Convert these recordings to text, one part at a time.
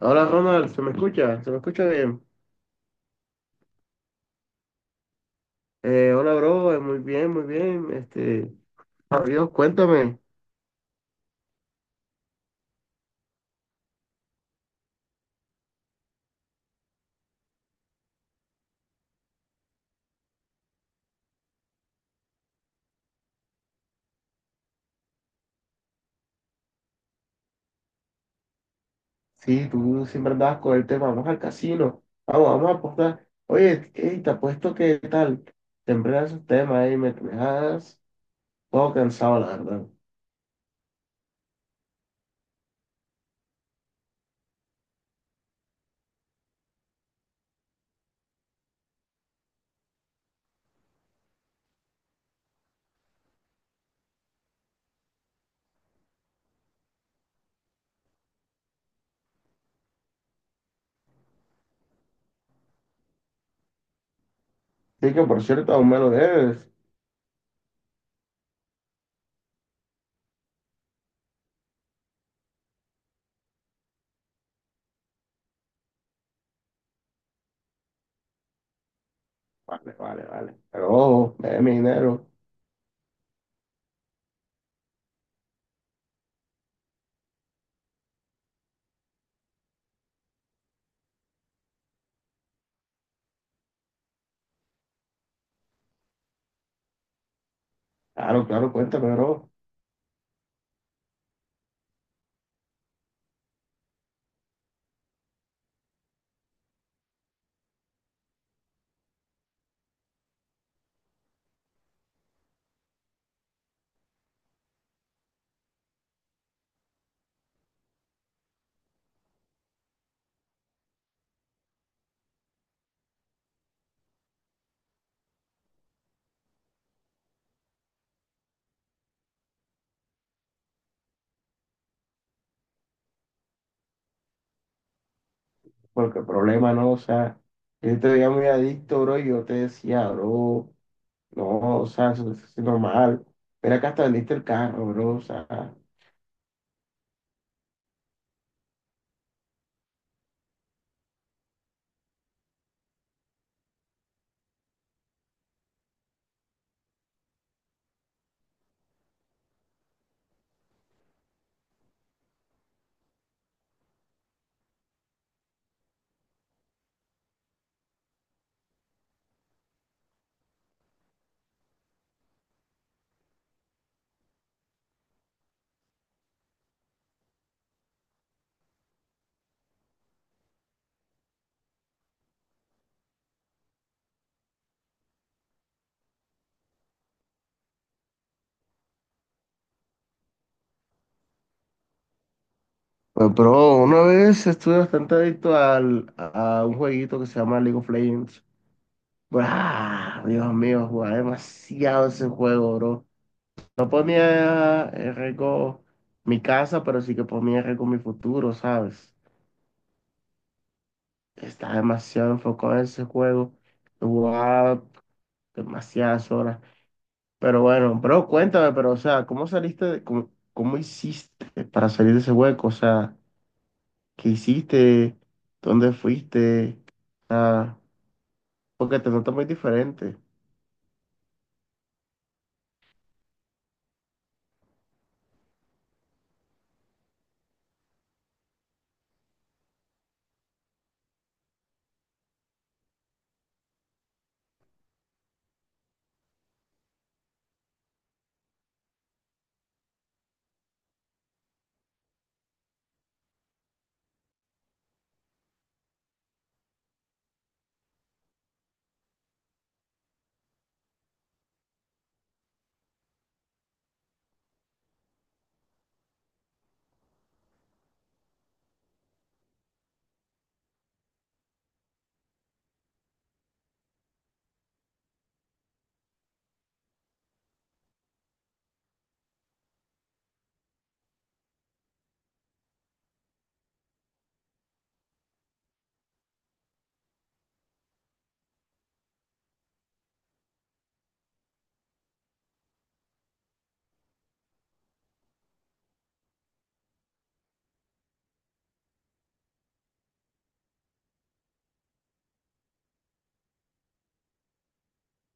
Hola Ronald, ¿se me escucha? ¿Se me escucha bien? Hola bro, muy bien, muy bien. Dios, cuéntame. Sí, tú siempre andabas con el tema, vamos al casino, vamos, vamos a apostar. Oye, ey, te apuesto que tal, siempre das esos temas y me dejas todo cansado, la verdad. Sí que por cierto, aún me lo debes. Vale, vale, vale. Pero ojo, me debes mi dinero. Claro, claro, cuéntame bro, porque el problema no, o sea, yo te veía muy adicto bro y yo te decía bro. No, o sea, eso es normal. Mira que hasta vendiste el carro, bro. O sea, pues, bro, una vez estuve bastante adicto al, a un jueguito que se llama League of Legends. ¡Ah! Dios mío, jugaba demasiado ese juego, bro. No ponía en riesgo mi casa, pero sí que ponía en riesgo mi futuro, ¿sabes? Estaba demasiado enfocado en ese juego. Jugaba demasiadas horas. Pero bueno, bro, cuéntame, pero o sea, ¿cómo saliste, cómo hiciste para salir de ese hueco? O sea, ¿qué hiciste? ¿Dónde fuiste? Ah, porque te notas muy diferente.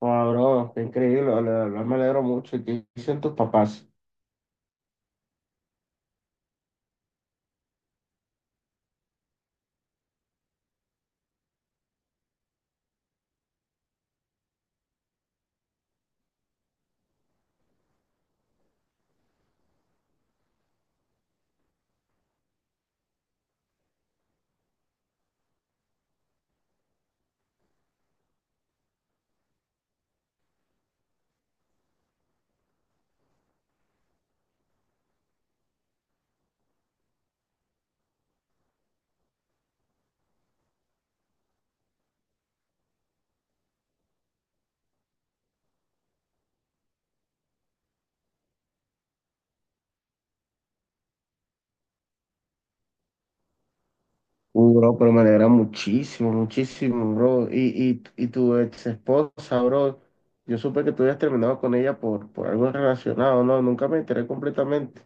Wow, bro, qué increíble, la verdad, me alegro mucho. ¿Y qué dicen tus papás? Bro, pero me alegra muchísimo, muchísimo, bro. Y tu ex esposa, bro, yo supe que tú habías terminado con ella por algo relacionado, ¿no? Nunca me enteré completamente.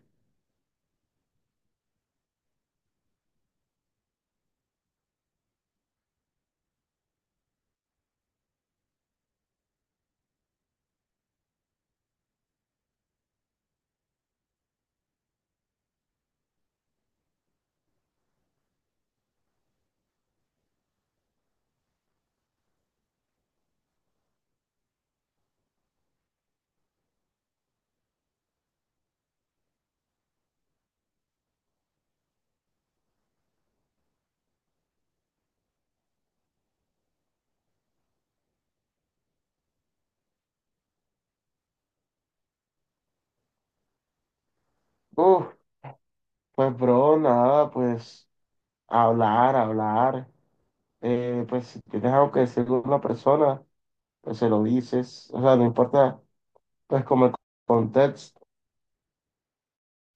Uf, pues, bro, nada, pues. Hablar, hablar. Pues si tienes algo que decirle a una persona, pues se lo dices. O sea, no importa, pues como el contexto.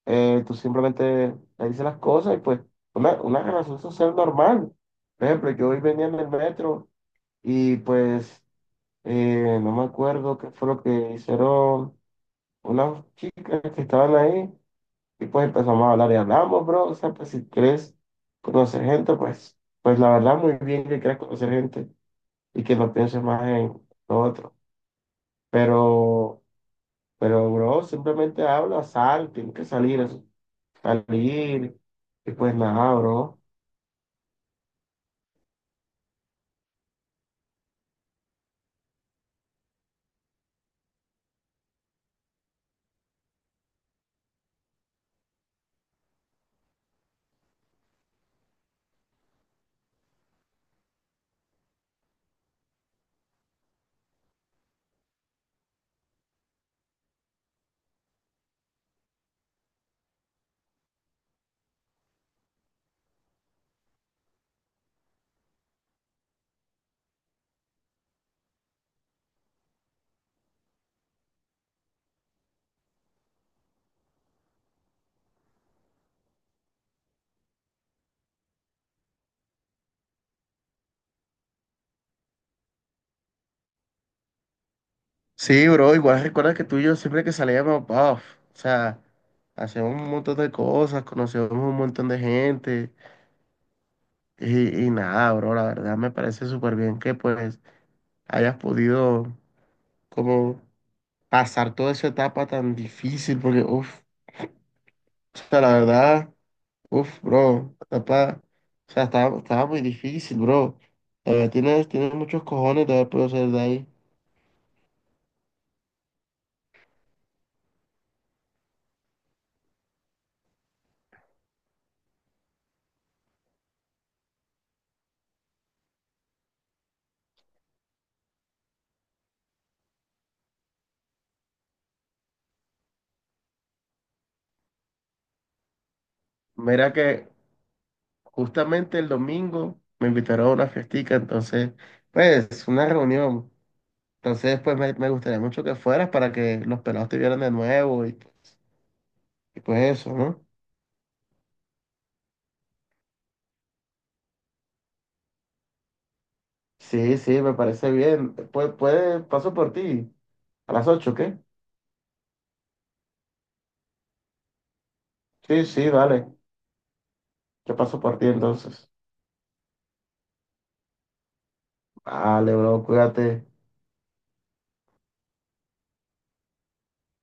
Tú simplemente le dices las cosas y pues una relación social normal. Por ejemplo, yo hoy venía en el metro y pues no me acuerdo qué fue lo que hicieron unas chicas que estaban ahí y pues empezamos a hablar y hablamos, bro. O sea, pues si quieres conocer gente, pues la verdad muy bien que quieras conocer gente. Y que no pienses más en lo otro. Pero, pero, bro, simplemente habla, sal, tiene que salir, salir, y pues nada, bro. Sí, bro, igual recuerda que tú y yo siempre que salíamos, puff, o sea, hacíamos un montón de cosas, conocíamos un montón de gente y nada, bro, la verdad me parece súper bien que pues hayas podido como pasar toda esa etapa tan difícil, porque, uff, o sea, la verdad... Uf, bro, papá, o sea, estaba muy difícil, bro. Tienes muchos cojones de haber podido salir de ahí. Mira que justamente el domingo me invitaron a una fiestica, entonces, pues, una reunión. Entonces, pues, me gustaría mucho que fueras para que los pelados te vieran de nuevo y pues eso, ¿no? Sí, sí, me parece bien. Pues, paso por ti. A las 8, ¿qué? Sí, sí, vale. Yo paso por ti entonces. Vale, bro, cuídate.